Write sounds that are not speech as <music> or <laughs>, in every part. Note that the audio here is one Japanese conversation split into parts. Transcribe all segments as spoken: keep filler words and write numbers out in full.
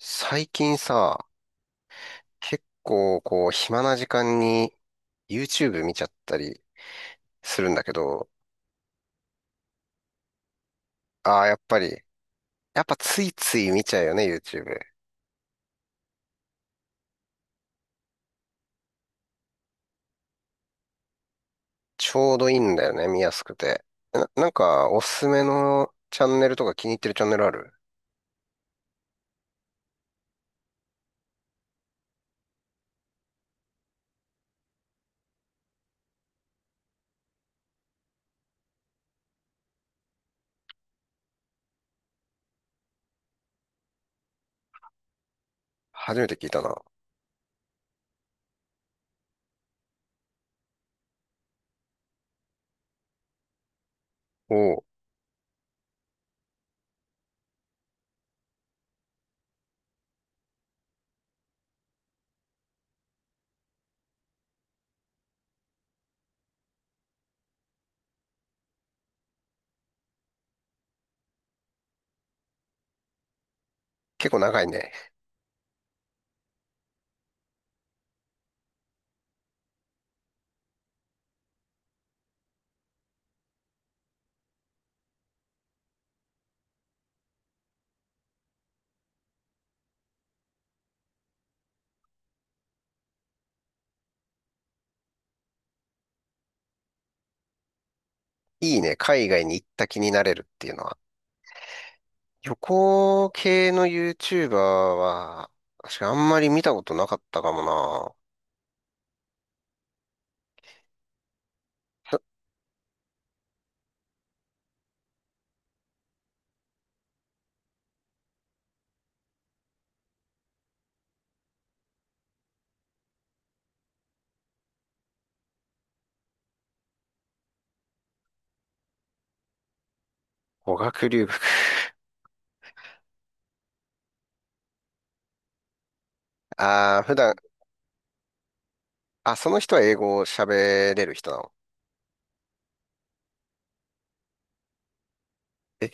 最近さ、結構こう暇な時間に YouTube 見ちゃったりするんだけど、ああ、やっぱり、やっぱついつい見ちゃうよね、YouTube。ちょうどいいんだよね、見やすくて。な、なんかおすすめのチャンネルとか気に入ってるチャンネルある？初めて聞いたな。おお、結構長いね。いいね、海外に行った気になれるっていうのは。旅行系の YouTuber は、確かあんまり見たことなかったかもな。語学留学。ああ、普段あ、その人は英語を喋れる人なの？え、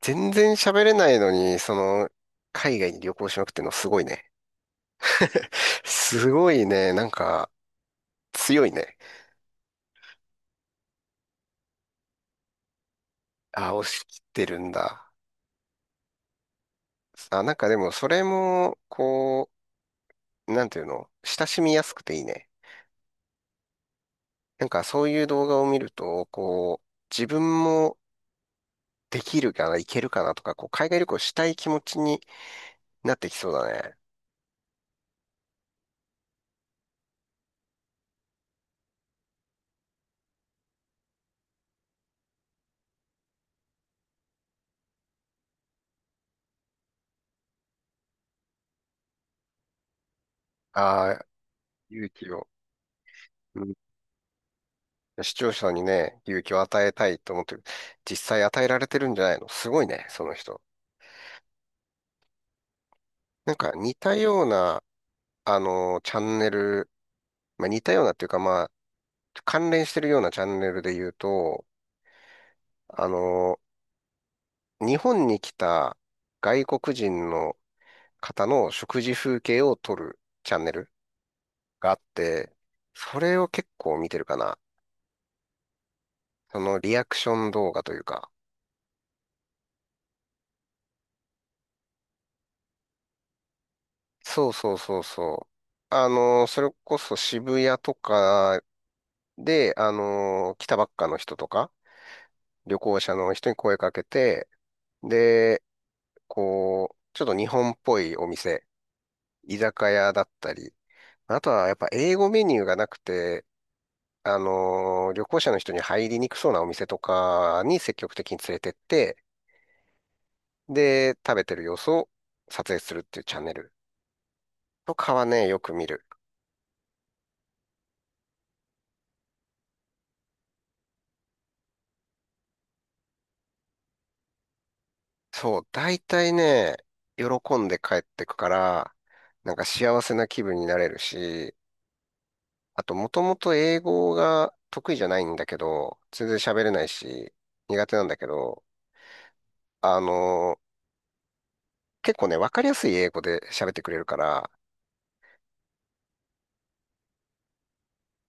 全然喋れないのに、その、海外に旅行しまくってんのすごいね。<laughs> すごいね。なんか、強いね。あ、押し切ってるんだ。あ、なんかでも、それも、こう、なんていうの、親しみやすくていいね。なんか、そういう動画を見ると、こう、自分もできるかな、いけるかなとか、こう、海外旅行したい気持ちになってきそうだね。ああ、勇気を。視聴者にね、勇気を与えたいと思ってる。実際与えられてるんじゃないの、すごいね、その人。なんか似たような、あの、チャンネル、まあ、似たようなっていうか、まあ、関連してるようなチャンネルで言うと、あの、日本に来た外国人の方の食事風景を撮るチャンネルがあって、それを結構見てるかな。そのリアクション動画というか。そうそうそうそう。あの、それこそ渋谷とかで、あのー来たばっかの人とか、旅行者の人に声かけて、で、こう、ちょっと日本っぽいお店、居酒屋だったり、あとはやっぱ英語メニューがなくて、あのー旅行者の人に入りにくそうなお店とかに積極的に連れてって、で、食べてる様子を撮影するっていうチャンネルとかはね、よく見る。そう、大体ね、喜んで帰ってくから、なんか幸せな気分になれるし、あと、もともと英語が得意じゃないんだけど、全然喋れないし、苦手なんだけど、あの、結構ね、わかりやすい英語で喋ってくれるから、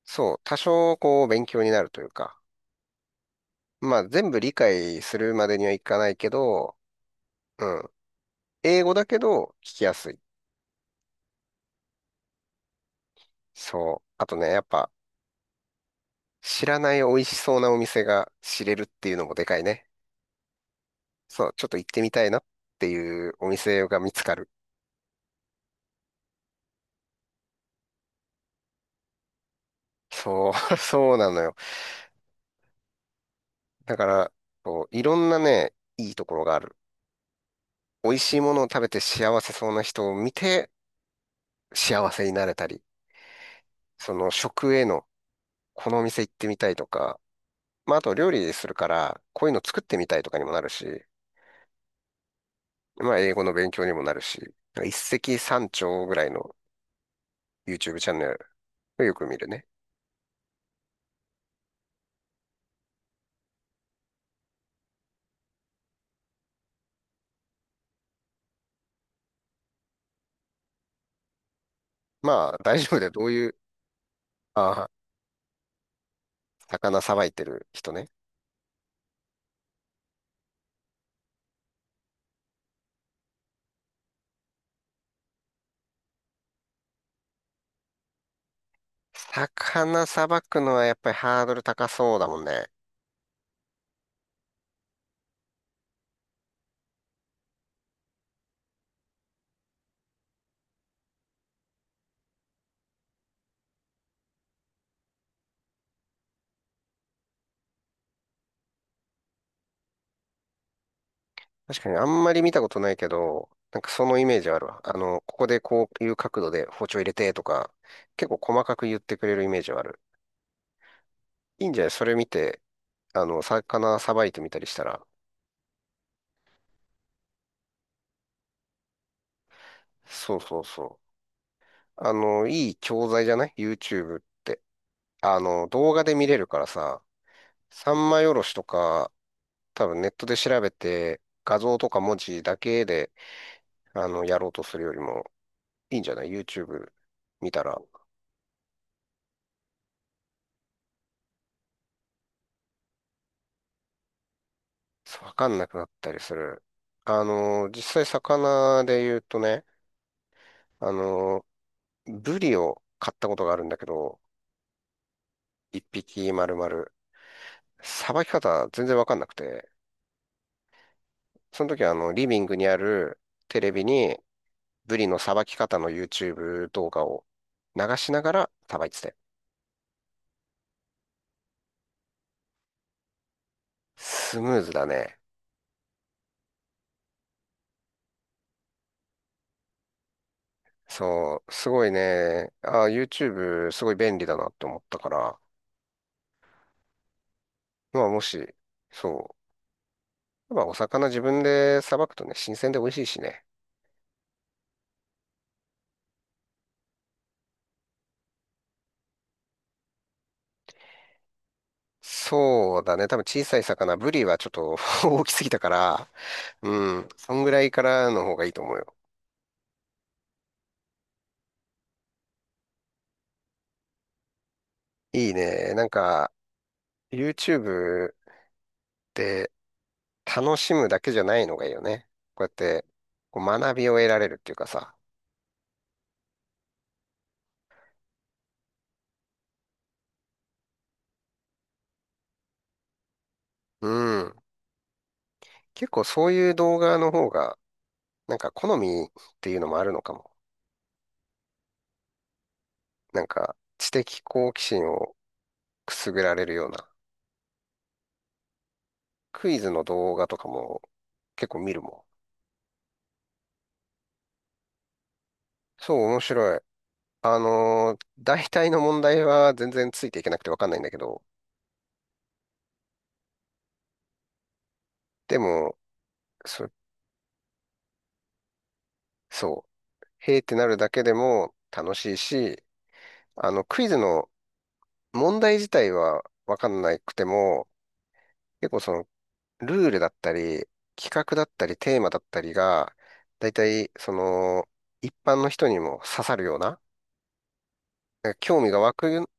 そう、多少こう勉強になるというか、まあ全部理解するまでにはいかないけど、うん、英語だけど聞きやすい。そう。あとね、やっぱ知らない美味しそうなお店が知れるっていうのもでかいね。そう、ちょっと行ってみたいなっていうお店が見つかる。そう、<laughs> そうなのよ。だから、こういろんなね、いいところがある。美味しいものを食べて幸せそうな人を見て幸せになれたり、その食への、このお店行ってみたいとか、まああと料理するから、こういうの作ってみたいとかにもなるし、まあ英語の勉強にもなるし、一石三鳥ぐらいの YouTube チャンネルをよく見るね。まあ大丈夫だよ。どういう、ああ、魚さばいてる人ね。魚さばくのはやっぱりハードル高そうだもんね。確かにあんまり見たことないけど、なんかそのイメージあるわ。あの、ここでこういう角度で包丁入れてとか、結構細かく言ってくれるイメージはある。いいんじゃないそれ見て、あの、魚さばいてみたりしたら。そうそうそう。あの、いい教材じゃない？ YouTube って。あの、動画で見れるからさ、三枚おろしとか、多分ネットで調べて、画像とか文字だけで、あの、やろうとするよりも、いいんじゃない？ YouTube 見たら。そうわかんなくなったりする。あの、実際魚で言うとね、あの、ブリを買ったことがあるんだけど、一匹丸々、さばき方全然わかんなくて、その時はあの、リビングにあるテレビにブリのさばき方の YouTube 動画を流しながらさばいてて。スムーズだね。そう、すごいね。あ、YouTube すごい便利だなって思ったから、まあもし、そう、まあ、お魚自分でさばくとね、新鮮で美味しいしね。そうだね。多分小さい魚、ブリはちょっと <laughs> 大きすぎたから、うん、そんぐらいからの方がいいと思うよ。いいね。なんか、YouTube で楽しむだけじゃないのがいいよね。こうやって、こう学びを得られるっていうかさ。うん。結構そういう動画の方が、なんか好みっていうのもあるのかも。なんか、知的好奇心をくすぐられるような。クイズの動画とかも結構見るもん。そう、面白い。あのー大体の問題は全然ついていけなくてわかんないんだけど、でも、そ、そう、へーってなるだけでも楽しいし、あの、クイズの問題自体はわかんなくても、結構その、ルールだったり、企画だったり、テーマだったりが、大体、その、一般の人にも刺さるような、興味が湧く、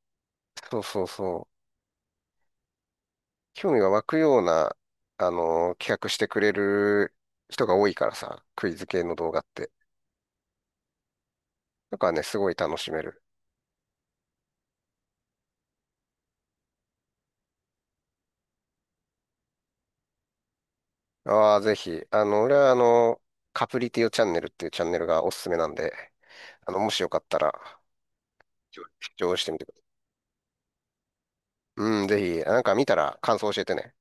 そうそうそう。興味が湧くような、あの、企画してくれる人が多いからさ、クイズ系の動画って。だからね、すごい楽しめる。ああ、ぜひ。あの、俺はあの、カプリティオチャンネルっていうチャンネルがおすすめなんで、あの、もしよかったら、視聴視聴してみてください。うん、ぜひ、なんか見たら感想教えてね。